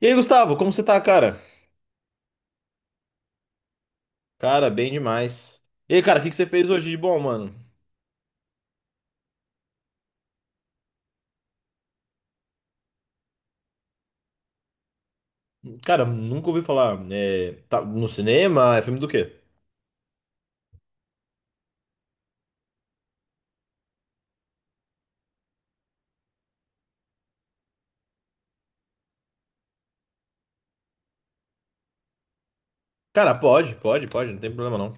E aí, Gustavo, como você tá, cara? Cara, bem demais. E aí, cara, o que que você fez hoje de bom, mano? Cara, nunca ouvi falar. É, tá no cinema? É filme do quê? Cara, pode, não tem problema não.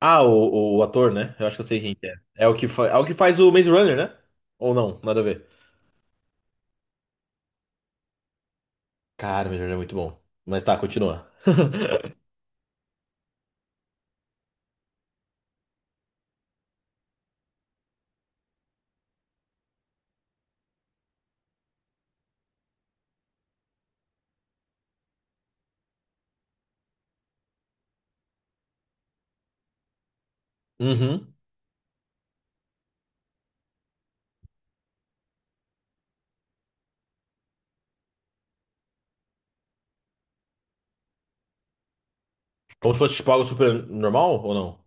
Ah, o ator, né? Eu acho que eu sei quem que é. É o que, é o que faz o Maze Runner, né? Ou não, nada a ver. Cara, o Maze Runner é muito bom. Mas tá, continua. Uhum. Como se fosse tipo algo super normal ou não?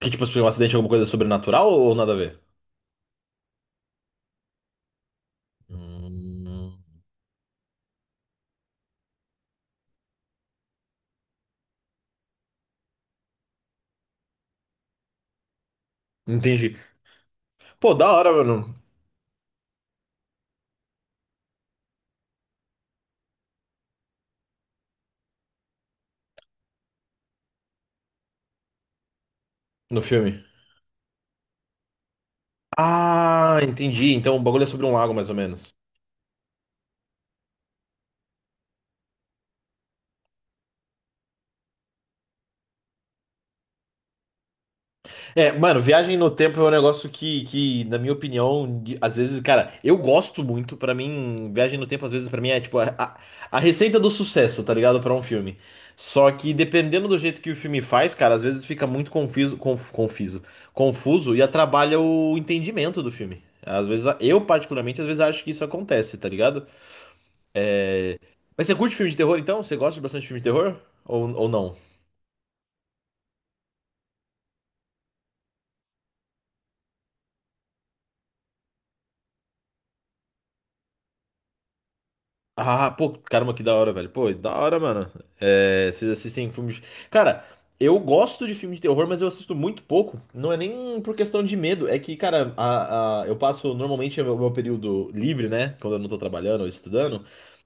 Que tipo, se um acidente, alguma coisa sobrenatural ou nada a ver? Hum, entendi. Pô, da hora, mano, no filme. Ah, entendi. Então o bagulho é sobre um lago, mais ou menos. É, mano, viagem no tempo é um negócio que na minha opinião, às vezes, cara, eu gosto muito. Pra mim, viagem no tempo, às vezes, pra mim é tipo a receita do sucesso, tá ligado? Pra um filme. Só que dependendo do jeito que o filme faz, cara, às vezes fica muito confuso, confuso, confuso e atrapalha o entendimento do filme. Às vezes, eu particularmente, às vezes acho que isso acontece, tá ligado? É... Mas você curte filme de terror, então? Você gosta de bastante filme de terror? Ou não? Ah, pô, caramba, que da hora, velho. Pô, da hora, mano. É, vocês assistem filmes. Cara, eu gosto de filme de terror, mas eu assisto muito pouco. Não é nem por questão de medo. É que, cara, eu passo normalmente o meu período livre, né? Quando eu não tô trabalhando ou estudando,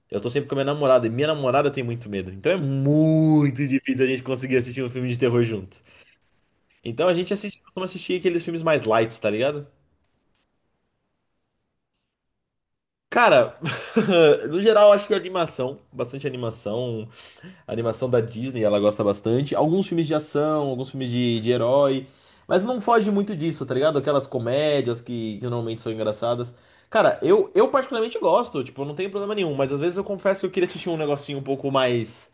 eu tô sempre com a minha namorada. E minha namorada tem muito medo. Então é muito difícil a gente conseguir assistir um filme de terror junto. Então a gente assiste, costuma assistir aqueles filmes mais light, tá ligado? Cara, no geral, acho que é animação, bastante animação. Animação da Disney, ela gosta bastante. Alguns filmes de ação, alguns filmes de herói. Mas não foge muito disso, tá ligado? Aquelas comédias que normalmente são engraçadas. Cara, eu particularmente gosto, tipo, eu não tenho problema nenhum, mas às vezes eu confesso que eu queria assistir um negocinho um pouco mais,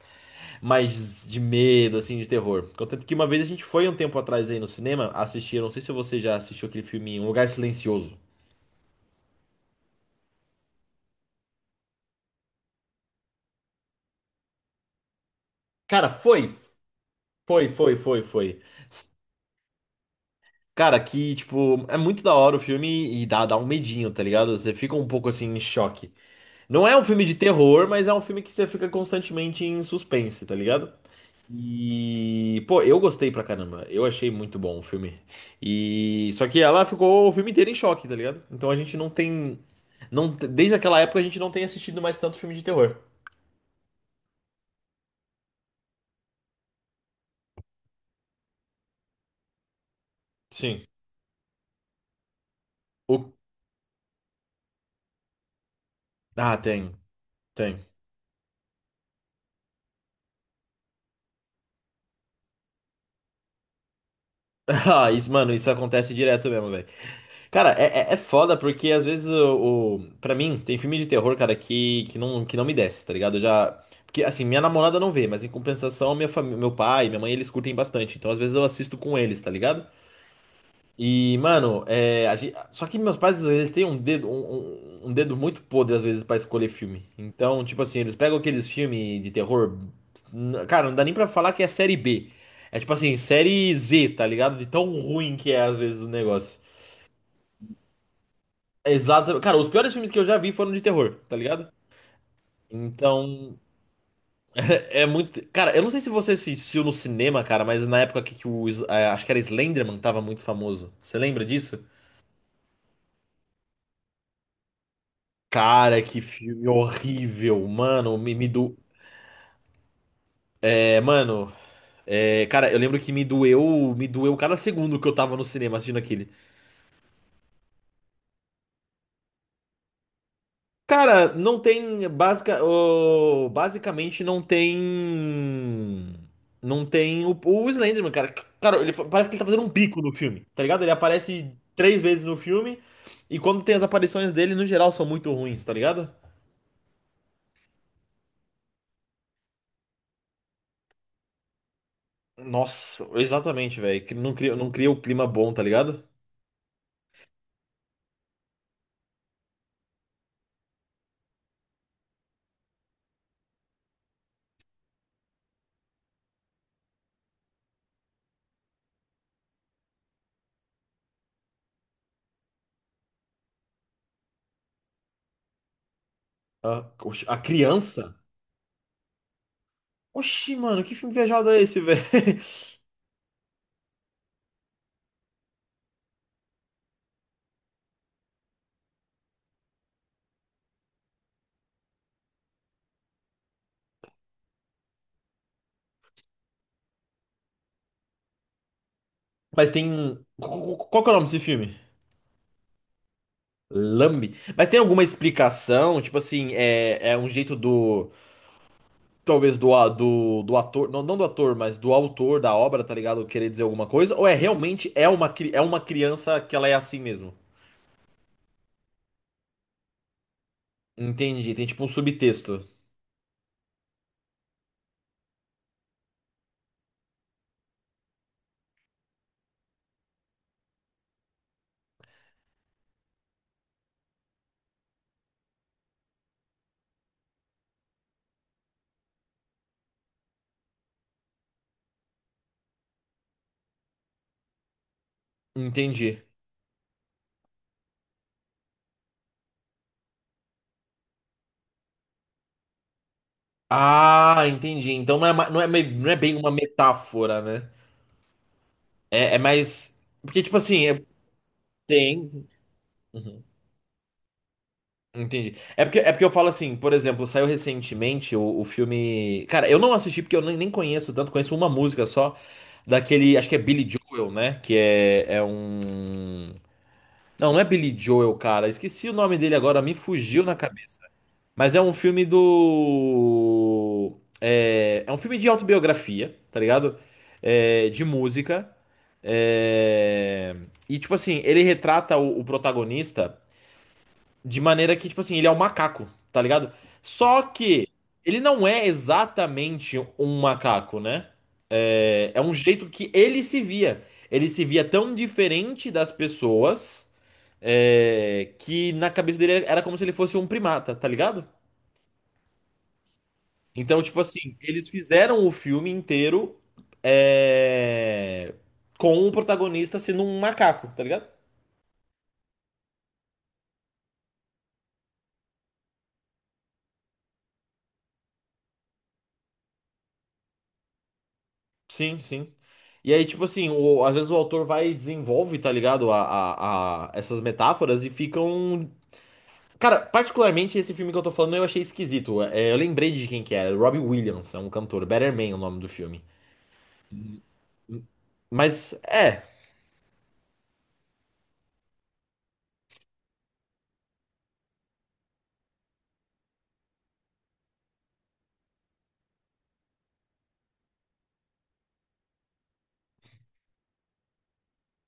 mais de medo, assim, de terror. Contanto que uma vez a gente foi um tempo atrás aí no cinema assistir, eu não sei se você já assistiu aquele filme Um Lugar Silencioso. Cara, foi. Cara, que, tipo, é muito da hora o filme e dá um medinho, tá ligado? Você fica um pouco assim em choque. Não é um filme de terror, mas é um filme que você fica constantemente em suspense, tá ligado? E, pô, eu gostei pra caramba. Eu achei muito bom o filme. E só que ela ficou o filme inteiro em choque, tá ligado? Então a gente não tem não t- desde aquela época a gente não tem assistido mais tanto filme de terror. Sim. O Ah, tem. Ah, isso, mano, isso acontece direto mesmo, velho. Cara, é foda porque às vezes o para mim tem filme de terror, cara, que não me desce, tá ligado? Eu já porque assim, minha namorada não vê, mas em compensação, meu pai, minha mãe, eles curtem bastante. Então às vezes eu assisto com eles, tá ligado? E, mano, é, a gente, só que meus pais às vezes têm um dedo um dedo muito podre às vezes pra escolher filme. Então, tipo assim, eles pegam aqueles filmes de terror, cara, não dá nem pra falar que é série B. É tipo assim, série Z, tá ligado? De tão ruim que é às vezes o negócio. Exato. Cara, os piores filmes que eu já vi foram de terror, tá ligado? Então, é muito. Cara, eu não sei se você assistiu no cinema, cara, mas na época que o. É, acho que era Slenderman, tava muito famoso. Você lembra disso? Cara, que filme horrível. Mano, me do. É, mano. É, cara, eu lembro que me doeu. Me doeu cada segundo que eu tava no cinema assistindo aquele. Cara, não tem basicamente não tem não tem o Slenderman, cara. Cara, parece que ele tá fazendo um bico no filme, tá ligado? Ele aparece três vezes no filme e quando tem as aparições dele, no geral, são muito ruins, tá ligado? Nossa, exatamente, velho. Que não cria o clima bom, tá ligado? A, oxi, a criança? Oxi, mano, que filme viajado é esse, velho? Mas tem. Qual que é o nome desse filme? Lambe. Mas tem alguma explicação? Tipo assim, é um jeito do. Talvez do, do, do ator. Não do ator, mas do autor da obra, tá ligado? Querer dizer alguma coisa? Ou é realmente é uma, é uma criança que ela é assim mesmo? Entendi. Tem tipo um subtexto. Entendi. Ah, entendi. Então não é, não é, não é bem uma metáfora, né? É, é mais. Porque, tipo assim, tem. Uhum. Entendi. É porque eu falo assim, por exemplo, saiu recentemente o filme. Cara, eu não assisti porque eu nem conheço tanto, conheço uma música só daquele. Acho que é Billy Joel, né? Que é, é um. Não, não é Billy Joel, cara. Esqueci o nome dele agora, me fugiu na cabeça. Mas é um filme do. É, é um filme de autobiografia, tá ligado? É, de música. É, E, tipo assim, ele retrata o protagonista. De maneira que, tipo assim, ele é um macaco, tá ligado? Só que ele não é exatamente um macaco, né? É, é um jeito que ele se via. Ele se via tão diferente das pessoas, é, que na cabeça dele era como se ele fosse um primata, tá ligado? Então, tipo assim, eles fizeram o filme inteiro, é, com o protagonista sendo um macaco, tá ligado? Sim, sim. E aí, tipo assim, às vezes o autor vai e desenvolve, tá ligado? Essas metáforas e ficam. Cara, particularmente esse filme que eu tô falando eu achei esquisito. É, eu lembrei de quem que era, Robbie Williams, é um cantor, Better Man é o nome do filme. Mas é,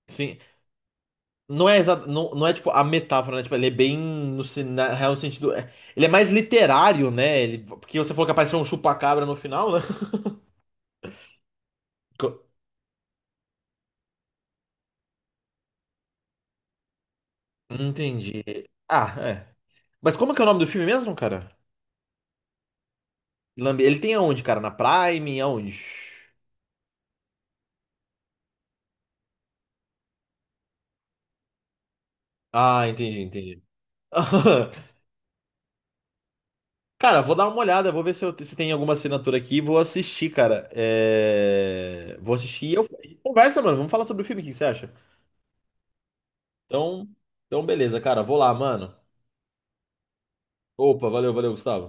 sim. Não é, não, não é tipo a metáfora, né? Tipo, ele é bem no na real sentido. É, ele é mais literário, né? Ele, porque você falou que apareceu um chupa-cabra no final, né? Co- Entendi. Ah, é. Mas como que é o nome do filme mesmo, cara? Lambe- Ele tem aonde, cara? Na Prime? Aonde? Ah, entendi. Cara, vou dar uma olhada, vou ver se, se tem alguma assinatura aqui. Vou assistir, cara. É, vou assistir e eu... conversa, mano. Vamos falar sobre o filme, o que que você acha? Então, então, beleza, cara. Vou lá, mano. Opa, valeu, Gustavo.